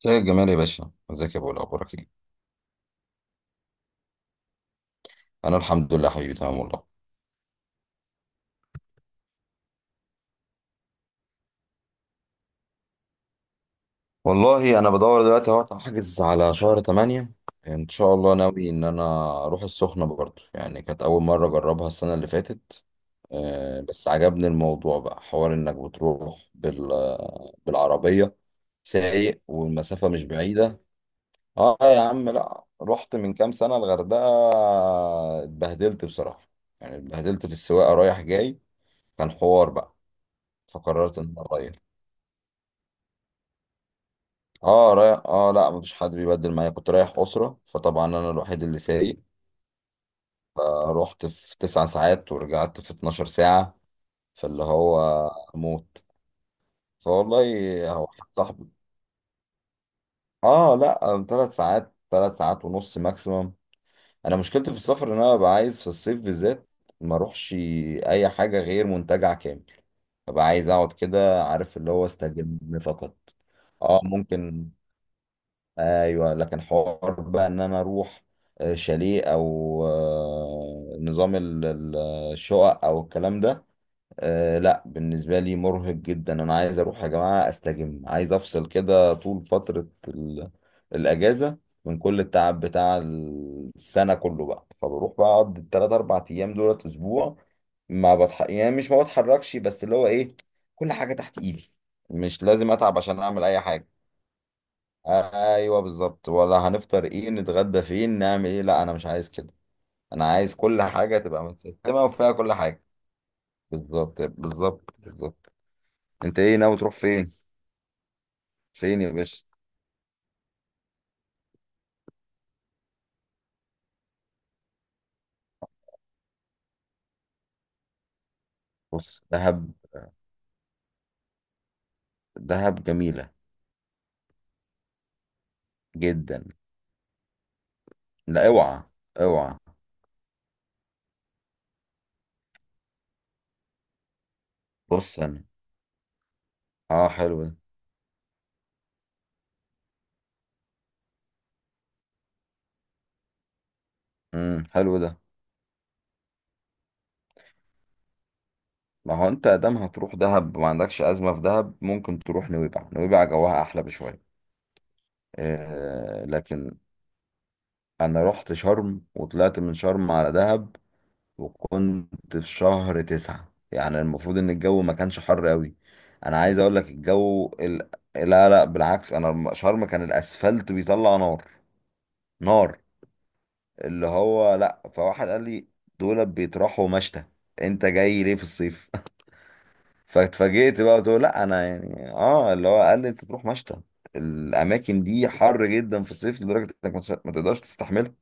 زي الجمال يا باشا، ازيك يا ابو؟ اخبارك ايه؟ انا الحمد لله حبيبي، تمام والله. والله انا بدور دلوقتي اهو احجز على شهر 8. ان شاء الله، ناوي ان انا اروح السخنه برضو، يعني كانت اول مره اجربها السنه اللي فاتت. بس عجبني الموضوع بقى حوار انك بتروح بالعربيه سايق، والمسافه مش بعيده. اه يا عم، لا، رحت من كام سنه الغردقه، اتبهدلت بصراحه، يعني اتبهدلت في السواقه رايح جاي، كان حوار بقى، فقررت ان انا اغير. اه رايح، اه لا، مفيش حد بيبدل معايا، كنت رايح أسرة، فطبعا أنا الوحيد اللي سايق. فروحت في 9 ساعات ورجعت في 12 ساعة. فاللي هو موت، فوالله. هو حد صاحبي. اه لا، ثلاث ساعات ونص ماكسيمم. أنا مشكلتي في السفر إن أنا ببقى عايز في الصيف بالذات ما اروحش أي حاجة غير منتجع كامل. ببقى عايز أقعد كده، عارف، اللي هو استجم فقط. اه ممكن. ايوه لكن حوار بقى ان انا اروح شاليه او نظام الشقق او الكلام ده. لا بالنسبه لي مرهق جدا، انا عايز اروح يا جماعه استجم، عايز افصل كده طول فتره الاجازه من كل التعب بتاع السنه كله بقى. فبروح بقى اقعد الثلاث اربع ايام دولت اسبوع. ما بتح... يعني مش ما بتحركش، بس اللي هو ايه، كل حاجه تحت ايدي. مش لازم اتعب عشان اعمل اي حاجه. ايوه بالظبط، ولا هنفطر ايه، نتغدى فين، نعمل ايه، لا انا مش عايز كده. انا عايز كل حاجه تبقى متسيستمه وفيها كل حاجه. بالظبط، بالظبط، بالظبط. انت ايه ناوي تروح فين؟ فين يا باشا؟ بص دهب. دهب جميله جدا، لا اوعى، اوعى. بص انا. اه حلو ده. امم. حلو ده. ما هو انت ادام هتروح دهب، ما عندكش ازمه في دهب، ممكن تروح نويبع، نويبع جواها احلى بشويه. آه لكن، انا رحت شرم وطلعت من شرم على دهب، وكنت في شهر 9، يعني المفروض ان الجو ما كانش حر قوي. انا عايز اقول لك الجو لا لا، بالعكس، شرم كان الاسفلت بيطلع نار، نار. اللي هو لا، فواحد قال لي دول بيطرحوا مشتى، انت جاي ليه في الصيف؟ فاتفاجئت بقى بتقول لا انا، يعني اه، اللي هو قال لي انت تروح مشتى، الاماكن دي حر جدا في الصيف لدرجه انك ما تقدرش تستحملها.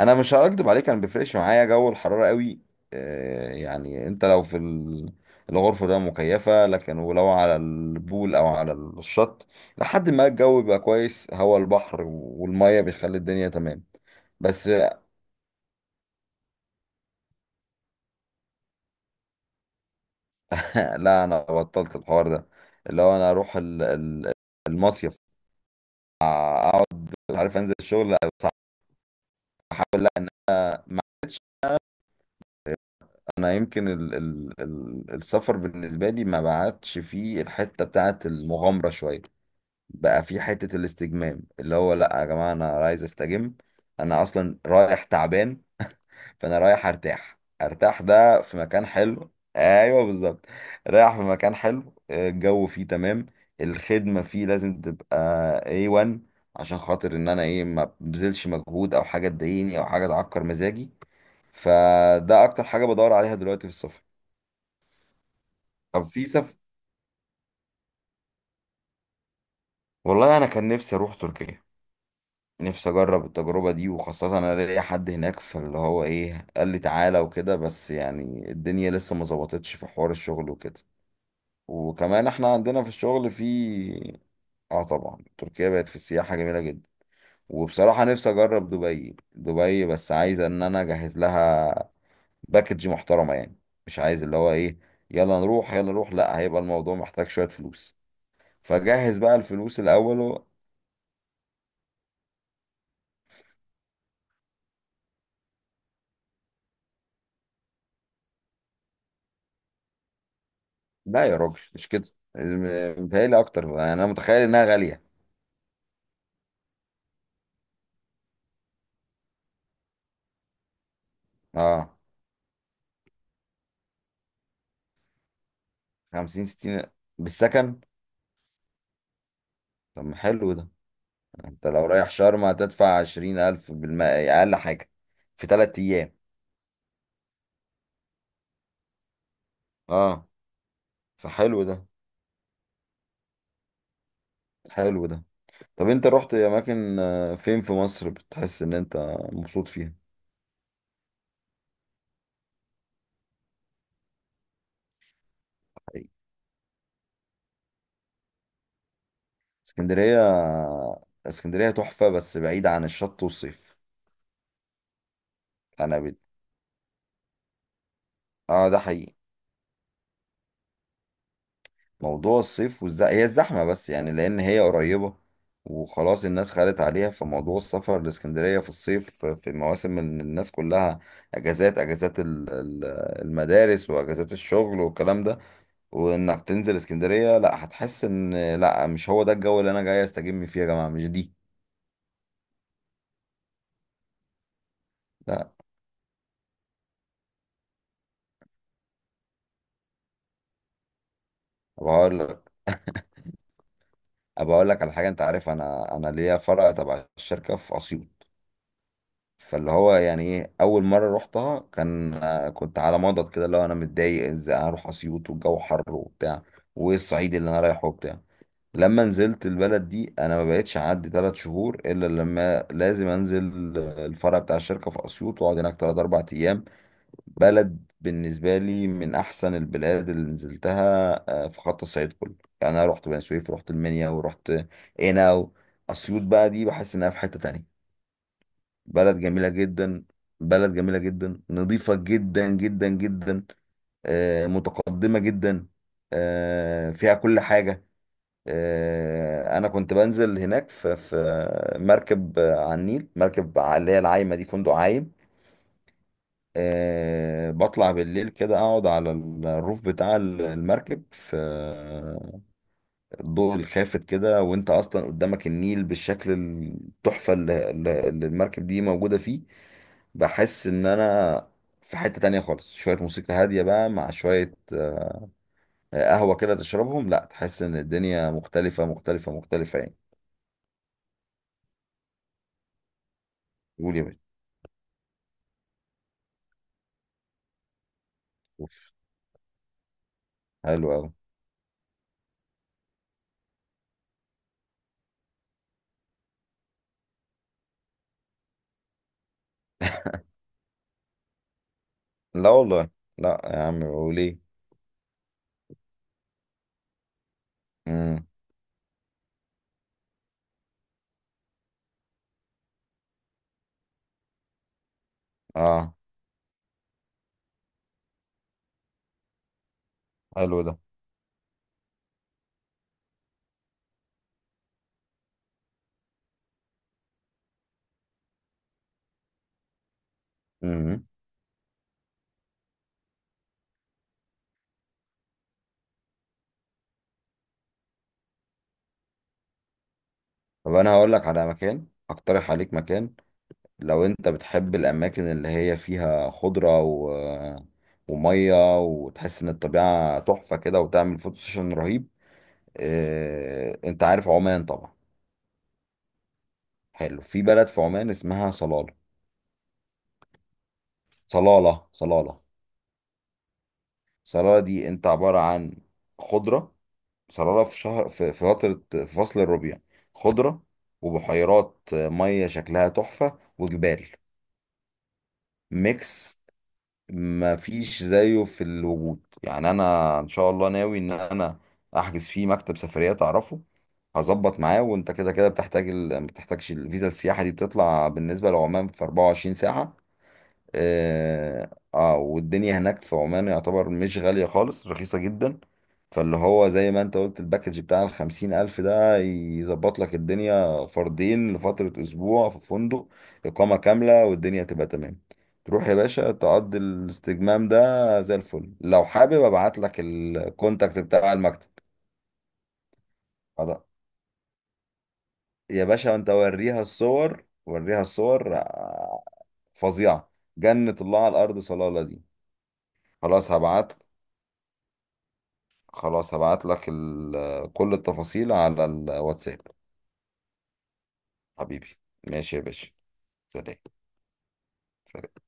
انا مش هكدب عليك، انا ما بيفرقش معايا جو الحراره قوي. يعني انت لو في الغرفه ده مكيفه، لكن ولو على البول او على الشط لحد ما الجو بيبقى كويس، هوا البحر والميه بيخلي الدنيا تمام. بس. لا انا بطلت الحوار ده. اللي هو انا اروح المصيف، اقعد مش عارف انزل الشغل. احاول، لا انا ما عادش. انا يمكن ال ال ال السفر بالنسبه لي ما بعدش فيه الحته بتاعه المغامره شويه، بقى في حتة الاستجمام، اللي هو لا يا جماعة انا عايز استجم. انا اصلا رايح تعبان، فانا رايح ارتاح، ارتاح ده في مكان حلو، ايوه بالظبط. رايح في مكان حلو، الجو فيه تمام، الخدمة فيه لازم تبقى A1 عشان خاطر ان انا ايه ما ببذلش مجهود او حاجة تضايقني او حاجة تعكر مزاجي. فده اكتر حاجة بدور عليها دلوقتي في السفر. طب في سفر، والله انا كان نفسي اروح تركيا، نفسي اجرب التجربه دي، وخاصه انا ليا حد هناك، فاللي هو ايه، قال لي تعالى وكده، بس يعني الدنيا لسه ما ظبطتش في حوار الشغل وكده، وكمان احنا عندنا في الشغل في. اه طبعا، تركيا بقت في السياحه جميله جدا. وبصراحه نفسي اجرب دبي، دبي بس عايز ان انا اجهز لها باكج محترمه يعني، مش عايز اللي هو ايه يلا نروح، يلا نروح، لا هيبقى الموضوع محتاج شويه فلوس. فجهز بقى الفلوس الاول. لا يا راجل مش كده، متهيألي أكتر يعني، أنا متخيل إنها غالية. أه، خمسين ستين، بالسكن. طب ما حلو ده. أنت لو رايح شرم هتدفع 20 ألف بالمائة أقل حاجة في 3 أيام. أه، فحلو ده، حلو ده. طب أنت رحت أماكن، فين في مصر بتحس إن أنت مبسوط فيها؟ حقيقي. اسكندرية. اسكندرية تحفة بس بعيدة عن الشط والصيف. أنا بد... أه، ده حقيقي. موضوع الصيف هي الزحمة بس يعني، لأن هي قريبة وخلاص الناس خدت عليها، فموضوع السفر لإسكندرية في الصيف في مواسم الناس كلها أجازات، المدارس وأجازات الشغل والكلام ده، وإنك تنزل إسكندرية لا، هتحس إن لا مش هو ده الجو اللي أنا جاي أستجم فيه يا جماعة، مش دي لا. أبقى أقول لك أبقى أقول لك على حاجة، أنت عارف أنا ليا فرع تبع الشركة في أسيوط. فاللي هو يعني ايه، اول مره رحتها كان، كنت على مضض كده، اللي هو انا متضايق ازاي هروح اسيوط والجو حر وبتاع، وايه الصعيد اللي انا رايحه وبتاع. لما نزلت البلد دي انا ما بقتش اعدي 3 شهور الا لما لازم انزل الفرع بتاع الشركه في اسيوط، واقعد هناك ثلاث اربع ايام. بلد بالنسبه لي من احسن البلاد اللي نزلتها في خط الصعيد كله. يعني انا رحت بني سويف، رحت المنيا، ورحت هنا. اسيوط بقى دي بحس انها في حته تانية. بلد جميلة جدا. بلد جميلة جدا، نظيفة جدا جدا جدا، متقدمة جدا، فيها كل حاجة. أنا كنت بنزل هناك في مركب على النيل، اللي هي العايمة دي، فندق عايم. بطلع بالليل كده، أقعد على الروف بتاع المركب في الضوء الخافت كده، وأنت أصلا قدامك النيل بالشكل التحفة اللي المركب دي موجودة فيه. بحس ان انا في حتة تانية خالص، شوية موسيقى هادية بقى مع شوية قهوة كده تشربهم، لا تحس ان الدنيا مختلفة، مختلفة، مختلفة يعني. قول يا باشا. قول. حلو أوي. لا والله، لا يا عم وليه. امم. اه حلو ده. امم. طب انا هقول لك على مكان، اقترح عليك مكان، لو انت بتحب الاماكن اللي هي فيها خضرة و... آه، ومية، وتحس ان الطبيعة تحفة كده، وتعمل فوتو سيشن رهيب. انت عارف عمان طبعا. حلو، في بلد في عمان اسمها صلالة. صلالة، صلالة. صلالة دي انت عبارة عن خضرة. صلالة في شهر، في فترة، في فصل الربيع، خضرة وبحيرات مية شكلها تحفة وجبال، ميكس ما فيش زيه في الوجود، يعني انا ان شاء الله ناوي ان انا احجز فيه. مكتب سفريات اعرفه، هظبط معاه. وانت كده كده بتحتاج ما بتحتاجش الفيزا، السياحة دي بتطلع بالنسبة لعمان في 24 ساعة. اه، والدنيا هناك في عمان يعتبر مش غالية خالص، رخيصة جدا. فاللي هو زي ما انت قلت الباكج بتاع الخمسين ألف ده يظبط لك الدنيا فردين لفترة أسبوع في فندق إقامة كاملة، والدنيا تبقى تمام. تروح يا باشا تقضي الاستجمام ده زي الفل، لو حابب ابعت لك الكونتاكت بتاع المكتب. خلاص. يا باشا انت وريها الصور، وريها الصور، فظيعة، جنة الله على الأرض صلالة دي. خلاص هبعت، خلاص هبعت لك كل التفاصيل على الواتساب. حبيبي. ماشي يا باشا. سلام. سلام.